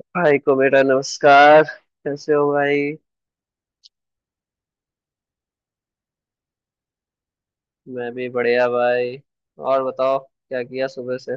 भाई को बेटा नमस्कार। कैसे हो भाई? मैं भी बढ़िया भाई। और बताओ क्या किया सुबह से?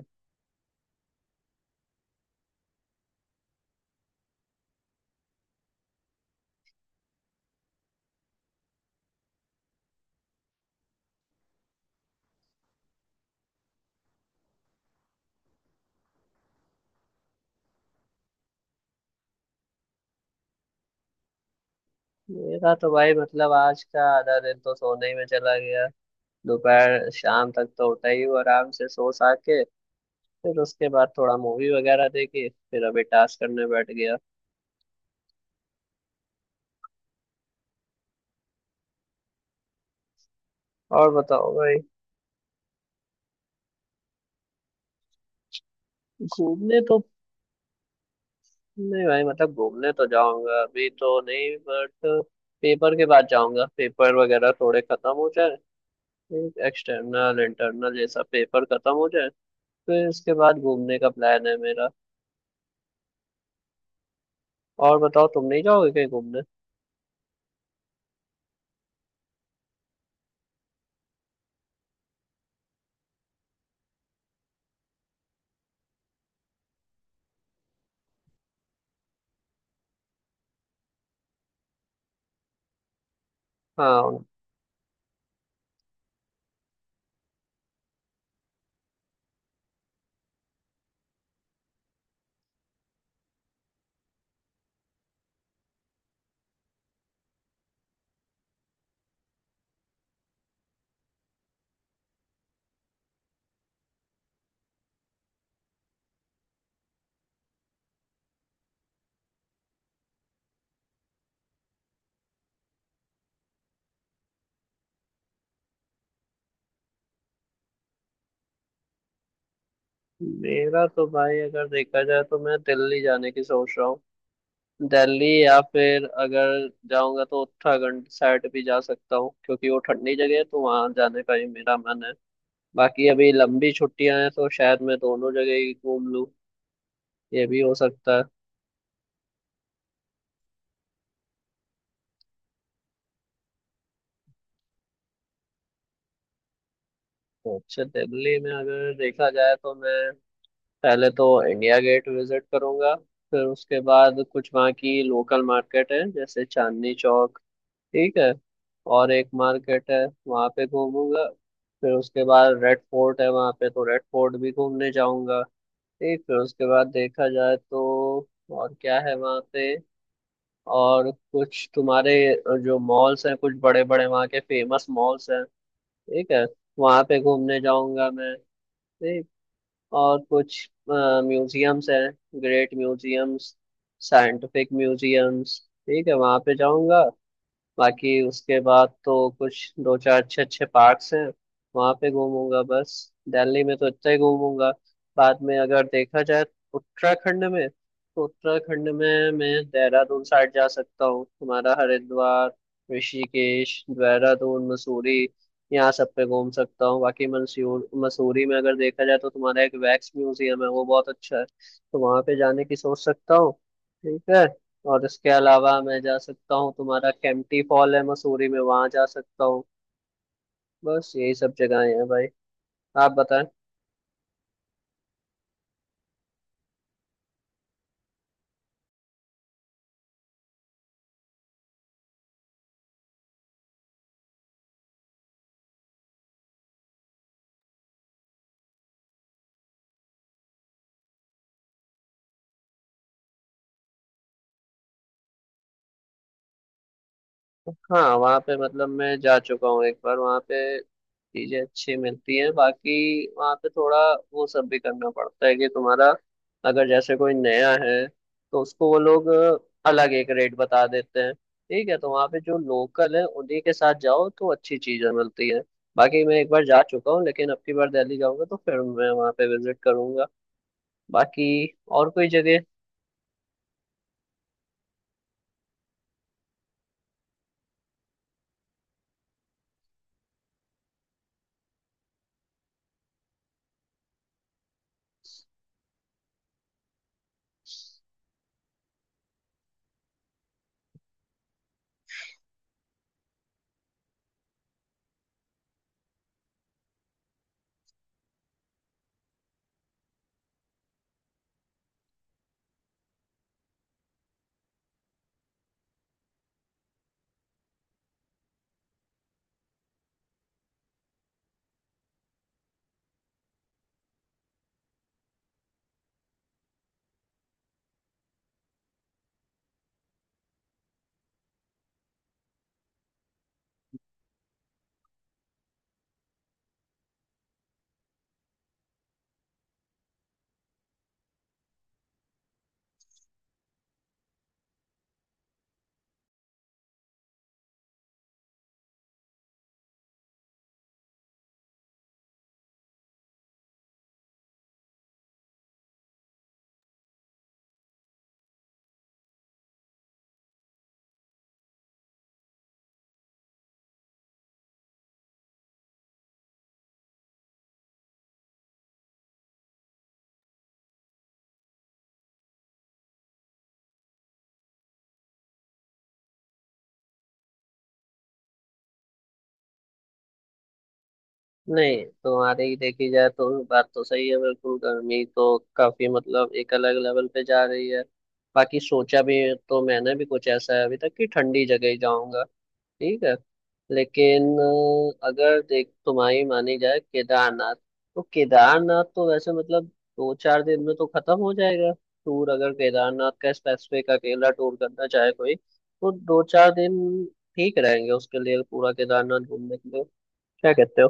मेरा तो भाई मतलब आज का आधा दिन तो सोने ही में चला गया। दोपहर शाम तक तो उठा ही हूँ आराम से सो सा के। फिर उसके बाद थोड़ा मूवी वगैरह देखी, फिर अभी टास्क करने बैठ गया। और बताओ भाई। घूमने तो नहीं भाई, मतलब घूमने तो जाऊंगा अभी तो नहीं बट पेपर के बाद जाऊंगा, पेपर वगैरह थोड़े खत्म हो जाए, एक एक्सटर्नल इंटरनल ये सब पेपर खत्म हो जाए, फिर इसके बाद घूमने का प्लान है मेरा। और बताओ तुम नहीं जाओगे कहीं घूमने? हाँ, मेरा तो भाई अगर देखा जाए तो मैं दिल्ली जाने की सोच रहा हूँ। दिल्ली या फिर अगर जाऊंगा तो उत्तराखंड साइड भी जा सकता हूँ, क्योंकि वो ठंडी जगह है तो वहां जाने का ही मेरा मन है। बाकी अभी लंबी छुट्टियां हैं तो शायद मैं दोनों जगह ही घूम लूँ, ये भी हो सकता है। तो अच्छा, दिल्ली में अगर देखा जाए तो मैं पहले तो इंडिया गेट विजिट करूंगा। फिर उसके बाद कुछ वहाँ की लोकल मार्केट है जैसे चांदनी चौक, ठीक है, और एक मार्केट है, वहाँ पे घूमूंगा। फिर उसके बाद रेड फोर्ट है वहाँ पे, तो रेड फोर्ट भी घूमने जाऊंगा। ठीक, फिर उसके बाद देखा जाए तो और क्या है वहाँ पे, और कुछ तुम्हारे जो मॉल्स हैं, कुछ बड़े बड़े वहाँ के फेमस मॉल्स हैं, ठीक है, वहाँ पे घूमने जाऊंगा मैं। ठीक। और कुछ म्यूजियम्स हैं, ग्रेट म्यूजियम्स, साइंटिफिक म्यूजियम्स, ठीक है, वहां पे जाऊंगा। बाकी उसके बाद तो कुछ दो चार अच्छे अच्छे पार्क्स हैं, वहाँ पे घूमूंगा बस। दिल्ली में तो इतना ही घूमूंगा। बाद में अगर देखा जाए उत्तराखंड में, तो उत्तराखंड में मैं देहरादून साइड जा सकता हूँ, तुम्हारा हरिद्वार, ऋषिकेश, देहरादून, मसूरी, यहाँ सब पे घूम सकता हूँ। बाकी मंसूर मसूरी में अगर देखा जाए तो तुम्हारा एक वैक्स म्यूजियम है, वो बहुत अच्छा है, तो वहाँ पे जाने की सोच सकता हूँ। ठीक है, और इसके अलावा मैं जा सकता हूँ तुम्हारा केम्प्टी फॉल है मसूरी में, वहां जा सकता हूँ। बस यही सब जगहें हैं भाई, आप बताएं। हाँ, वहाँ पे मतलब मैं जा चुका हूँ एक बार, वहाँ पे चीजें अच्छी मिलती हैं। बाकी वहाँ पे थोड़ा वो सब भी करना पड़ता है कि तुम्हारा अगर जैसे कोई नया है तो उसको वो लोग अलग एक रेट बता देते हैं, ठीक है, तो वहाँ पे जो लोकल है उन्हीं के साथ जाओ तो अच्छी चीजें मिलती हैं। बाकी मैं एक बार जा चुका हूँ, लेकिन अब की बार दिल्ली जाऊंगा तो फिर मैं वहाँ पे विजिट करूंगा। बाकी और कोई जगह नहीं। तुम्हारी ही देखी जाए तो बात तो सही है, बिल्कुल गर्मी तो काफी मतलब एक अलग लेवल पे जा रही है। बाकी सोचा भी तो मैंने भी कुछ ऐसा है अभी तक कि ठंडी जगह ही जाऊंगा, ठीक है। लेकिन अगर देख तुम्हारी मानी जाए केदारनाथ, तो केदारनाथ तो वैसे मतलब दो चार दिन में तो खत्म हो जाएगा टूर, अगर केदारनाथ का स्पेसिफिक अकेला टूर करना चाहे कोई तो दो चार दिन ठीक रहेंगे उसके लिए, पूरा केदारनाथ घूमने के लिए। क्या कहते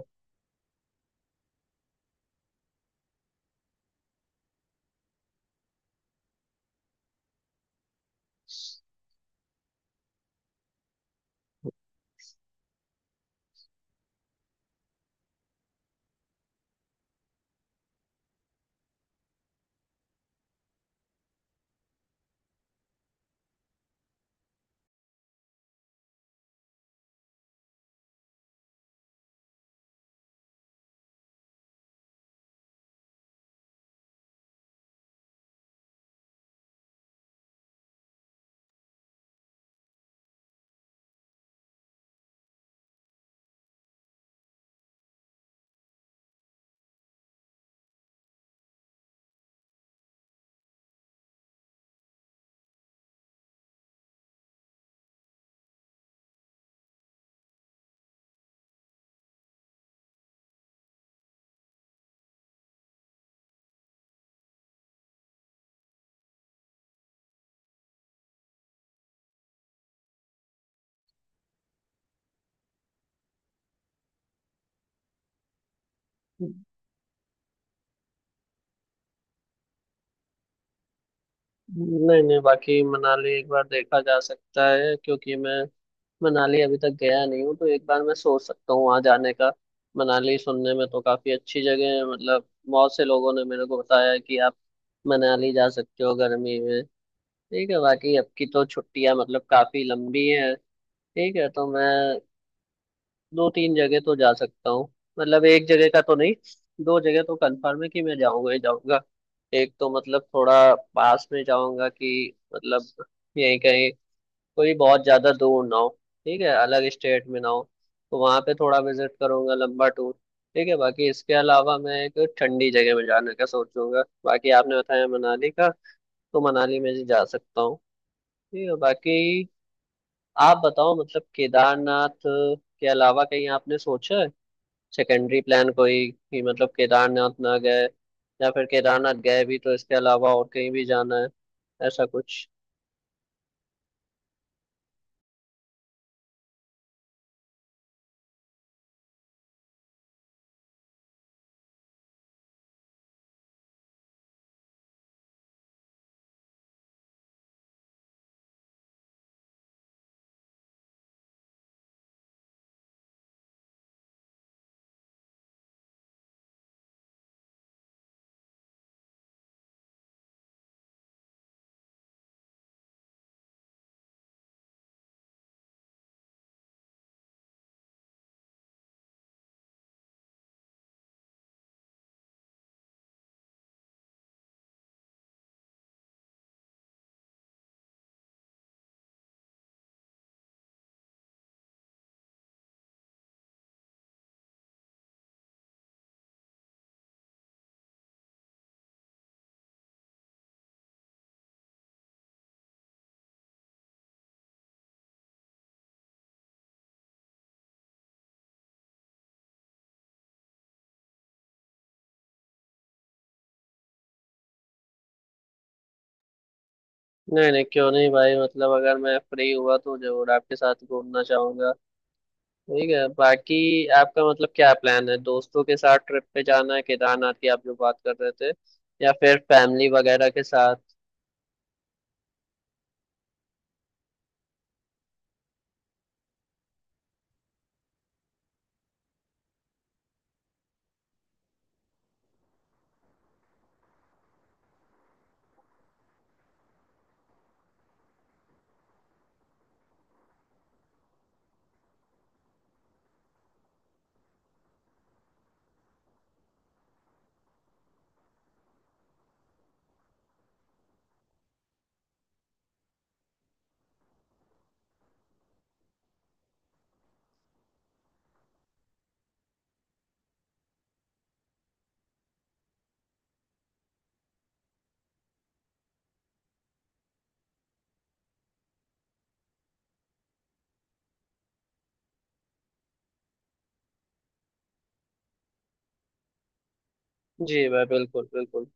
हो? नहीं नहीं, बाकी मनाली एक बार देखा जा सकता है, क्योंकि मैं मनाली अभी तक गया नहीं हूँ तो एक बार मैं सोच सकता हूँ वहाँ जाने का। मनाली सुनने में तो काफी अच्छी जगह है, मतलब बहुत से लोगों ने मेरे को बताया है कि आप मनाली जा सकते हो गर्मी में। ठीक है, बाकी अब की तो छुट्टियां मतलब काफी लंबी है, ठीक है, तो मैं दो तीन जगह तो जा सकता हूँ। मतलब एक जगह का तो नहीं, दो जगह तो कंफर्म है कि मैं जाऊंगा ही जाऊंगा। एक तो मतलब थोड़ा पास में जाऊंगा कि मतलब यहीं कहीं, कोई बहुत ज्यादा दूर ना हो, ठीक है, अलग स्टेट में ना हो, तो वहां पे थोड़ा विजिट करूंगा लंबा टूर। ठीक है, बाकी इसके अलावा मैं एक ठंडी जगह में जाने का सोचूंगा, बाकी आपने बताया मनाली का तो मनाली में भी जा सकता हूँ। ठीक है, बाकी आप बताओ मतलब केदारनाथ के अलावा कहीं आपने सोचा है सेकेंडरी प्लान कोई? कि मतलब केदारनाथ ना गए या फिर केदारनाथ गए भी तो इसके अलावा और कहीं भी जाना है, ऐसा कुछ? नहीं नहीं, क्यों नहीं भाई, मतलब अगर मैं फ्री हुआ तो जरूर आपके साथ घूमना चाहूंगा। ठीक है, बाकी आपका मतलब क्या प्लान है, दोस्तों के साथ ट्रिप पे जाना है केदारनाथ की आप जो बात कर रहे थे, या फिर फैमिली वगैरह के साथ? जी भाई, बिल्कुल बिल्कुल।